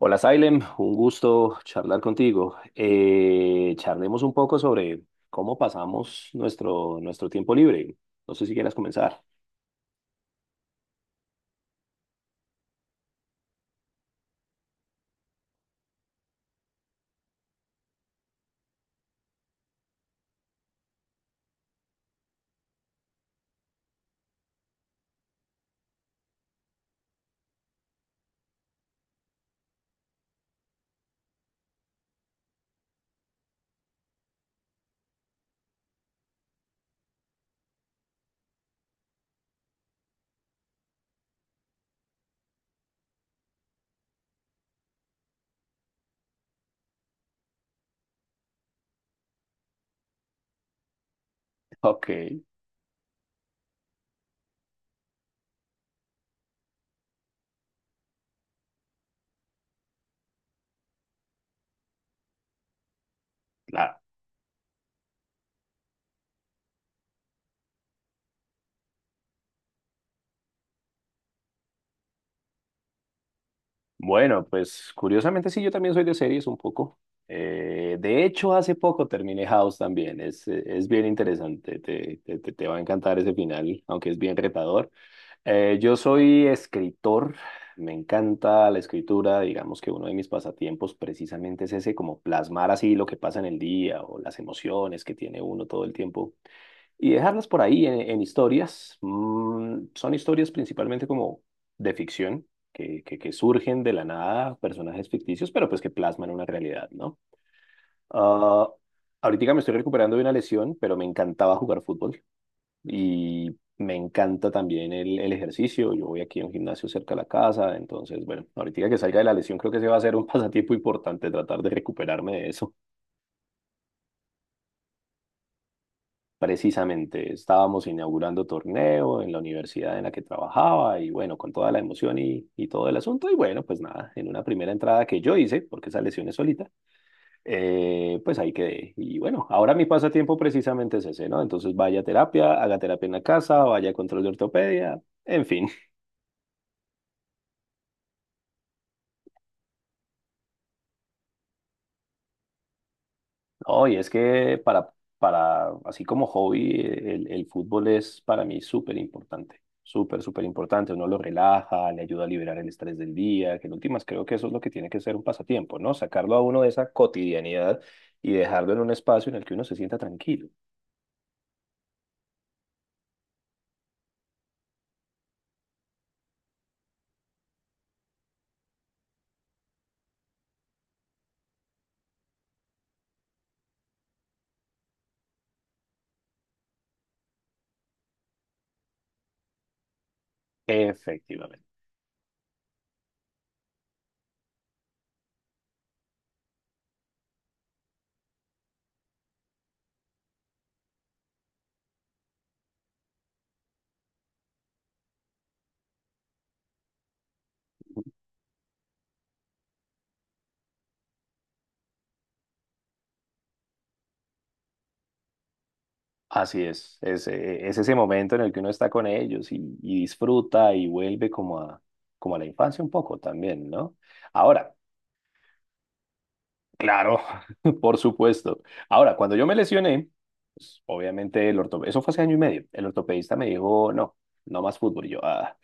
Hola, Salem, un gusto charlar contigo. Charlemos un poco sobre cómo pasamos nuestro tiempo libre. No sé si quieras comenzar. Ok, claro. Bueno, pues curiosamente sí, yo también soy de series un poco. De hecho, hace poco terminé House también. Es bien interesante, te va a encantar ese final, aunque es bien retador. Yo soy escritor, me encanta la escritura, digamos que uno de mis pasatiempos precisamente es ese, como plasmar así lo que pasa en el día o las emociones que tiene uno todo el tiempo y dejarlas por ahí en historias. Mm, son historias principalmente como de ficción, que surgen de la nada, personajes ficticios, pero pues que plasman una realidad, ¿no? Ah, Ahorita me estoy recuperando de una lesión, pero me encantaba jugar fútbol y me encanta también el ejercicio. Yo voy aquí a un gimnasio cerca de la casa, entonces, bueno, ahorita que salga de la lesión, creo que se va a hacer un pasatiempo importante tratar de recuperarme de eso. Precisamente estábamos inaugurando torneo en la universidad en la que trabajaba y bueno, con toda la emoción y todo el asunto. Y bueno, pues nada, en una primera entrada que yo hice, porque esa lesión es solita, pues ahí quedé. Y bueno, ahora mi pasatiempo precisamente es ese, ¿no? Entonces vaya a terapia, haga terapia en la casa, vaya a control de ortopedia, en fin. No, y es que para, así como hobby, el fútbol es para mí súper importante, súper, súper importante. Uno lo relaja, le ayuda a liberar el estrés del día, que en últimas creo que eso es lo que tiene que ser un pasatiempo, ¿no? Sacarlo a uno de esa cotidianidad y dejarlo en un espacio en el que uno se sienta tranquilo. Efectivamente. Así es, es ese momento en el que uno está con ellos y disfruta y vuelve como a la infancia un poco también, ¿no? Ahora. Claro, por supuesto. Ahora, cuando yo me lesioné, pues, obviamente el ortopedista, eso fue hace año y medio, el ortopedista me dijo, no, no más fútbol. Y yo, ah.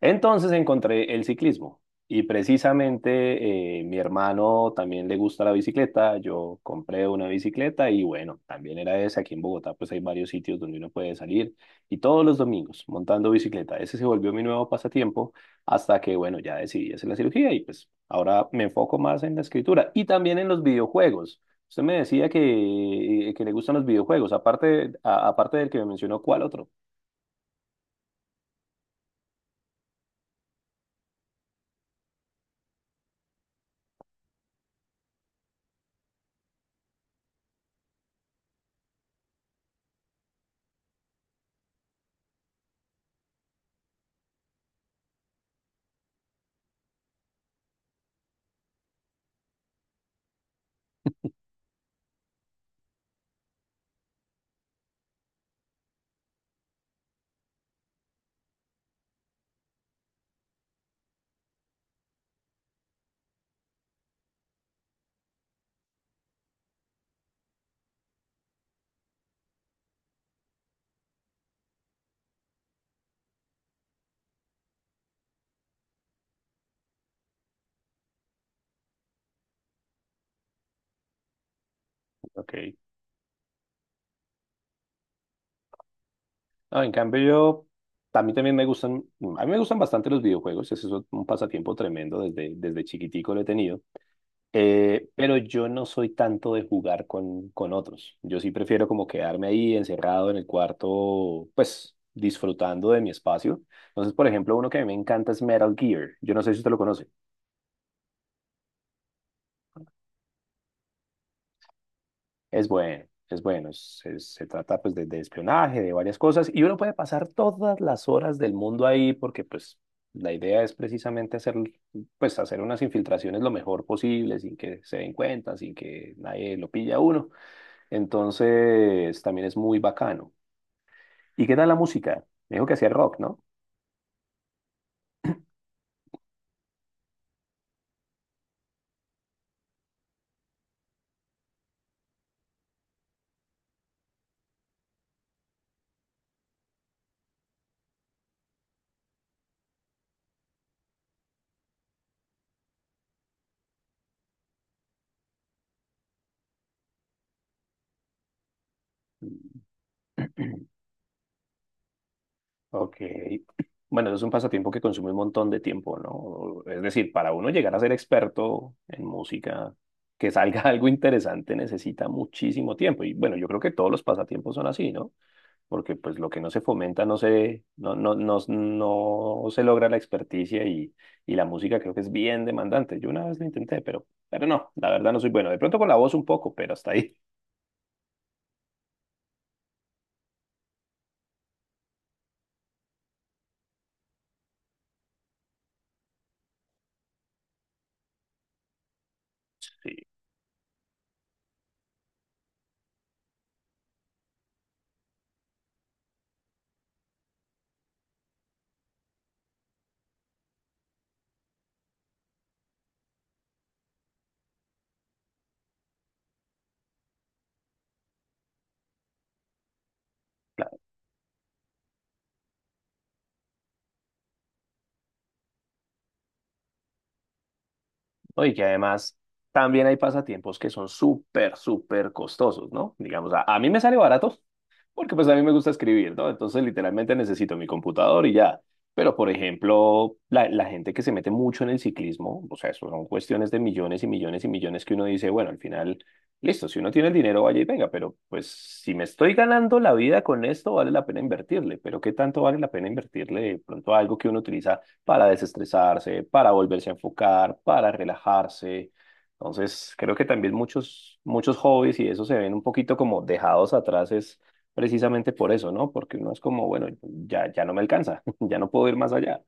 Entonces encontré el ciclismo y precisamente mi hermano también le gusta la bicicleta, yo compré una bicicleta y bueno, también era esa, aquí en Bogotá pues hay varios sitios donde uno puede salir y todos los domingos montando bicicleta, ese se volvió mi nuevo pasatiempo hasta que bueno, ya decidí hacer la cirugía y pues ahora me enfoco más en la escritura y también en los videojuegos. Usted me decía que le gustan los videojuegos, aparte, aparte del que me mencionó, ¿cuál otro? Ok. No, en cambio yo, a mí también me gustan, a mí me gustan bastante los videojuegos, ese es un pasatiempo tremendo, desde chiquitico lo he tenido. Pero yo no soy tanto de jugar con otros, yo sí prefiero como quedarme ahí encerrado en el cuarto, pues disfrutando de mi espacio. Entonces, por ejemplo, uno que a mí me encanta es Metal Gear, yo no sé si usted lo conoce. Es bueno, es bueno. Se trata pues de espionaje, de varias cosas, y uno puede pasar todas las horas del mundo ahí porque pues la idea es precisamente hacer, pues, hacer unas infiltraciones lo mejor posible sin que se den cuenta, sin que nadie lo pille a uno. Entonces también es muy bacano. ¿Y qué tal la música? Me dijo que hacía rock, ¿no? Ok. Bueno, eso es un pasatiempo que consume un montón de tiempo, ¿no? Es decir, para uno llegar a ser experto en música, que salga algo interesante, necesita muchísimo tiempo. Y bueno, yo creo que todos los pasatiempos son así, ¿no? Porque pues lo que no se fomenta no se, no, no, no, no se logra la experticia y la música creo que es bien demandante. Yo una vez lo intenté, pero no, la verdad no soy bueno. De pronto con la voz un poco, pero hasta ahí. Sí. ¿No? Y que además también hay pasatiempos que son súper, súper costosos, ¿no? Digamos, a mí me sale barato porque pues a mí me gusta escribir, ¿no? Entonces literalmente necesito mi computador y ya. Pero por ejemplo, la gente que se mete mucho en el ciclismo, o sea, eso son cuestiones de millones y millones y millones que uno dice, bueno, al final, listo, si uno tiene el dinero, vaya y venga, pero pues si me estoy ganando la vida con esto, vale la pena invertirle. Pero ¿qué tanto vale la pena invertirle de pronto a algo que uno utiliza para desestresarse, para volverse a enfocar, para relajarse? Entonces, creo que también muchos hobbies y eso se ven un poquito como dejados atrás, es precisamente por eso, ¿no? Porque uno es como, bueno, ya no me alcanza, ya no puedo ir más allá.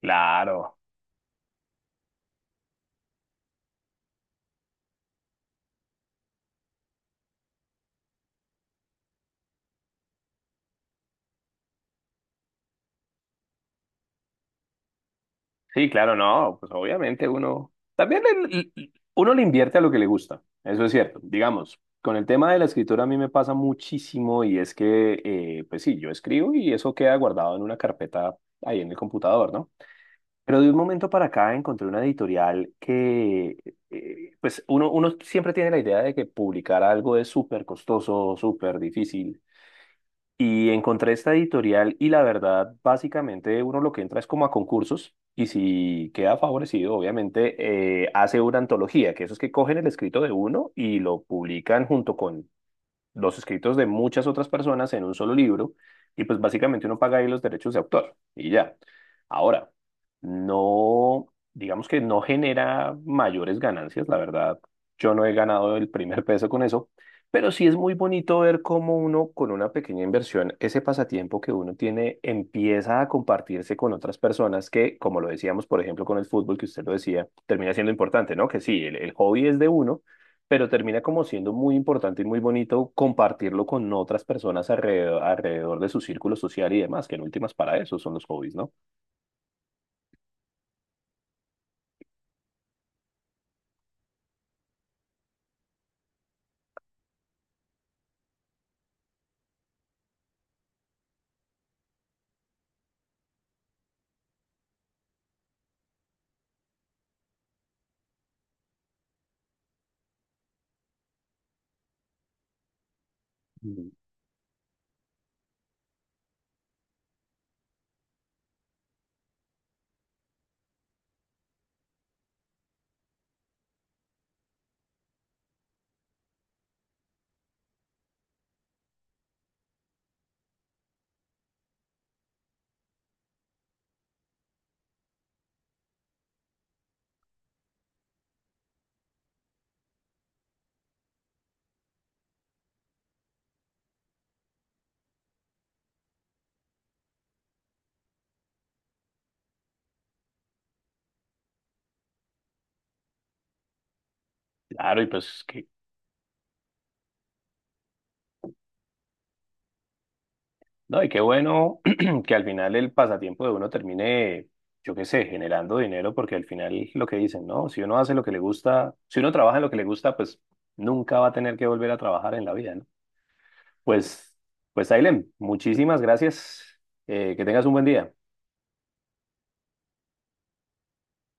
Claro, sí, claro, no, pues obviamente uno también uno le invierte a lo que le gusta, eso es cierto. Digamos, con el tema de la escritura a mí me pasa muchísimo y es que, pues sí, yo escribo y eso queda guardado en una carpeta ahí en el computador, ¿no? Pero de un momento para acá encontré una editorial que, pues uno siempre tiene la idea de que publicar algo es súper costoso, súper difícil. Y encontré esta editorial y la verdad, básicamente uno lo que entra es como a concursos y si queda favorecido, obviamente hace una antología, que eso es que cogen el escrito de uno y lo publican junto con los escritos de muchas otras personas en un solo libro y pues básicamente uno paga ahí los derechos de autor y ya. Ahora, no, digamos que no genera mayores ganancias, la verdad, yo no he ganado el primer peso con eso, pero sí es muy bonito ver cómo uno con una pequeña inversión, ese pasatiempo que uno tiene empieza a compartirse con otras personas que, como lo decíamos, por ejemplo, con el fútbol, que usted lo decía, termina siendo importante, ¿no? Que sí, el hobby es de uno pero termina como siendo muy importante y muy bonito compartirlo con otras personas alrededor, alrededor de su círculo social y demás, que en últimas para eso son los hobbies, ¿no? Mm. Claro, y pues que, no, y qué bueno que al final el pasatiempo de uno termine, yo qué sé, generando dinero, porque al final lo que dicen, ¿no? Si uno hace lo que le gusta, si uno trabaja en lo que le gusta, pues nunca va a tener que volver a trabajar en la vida, ¿no? Pues, pues, Ailem, muchísimas gracias. Que tengas un buen día.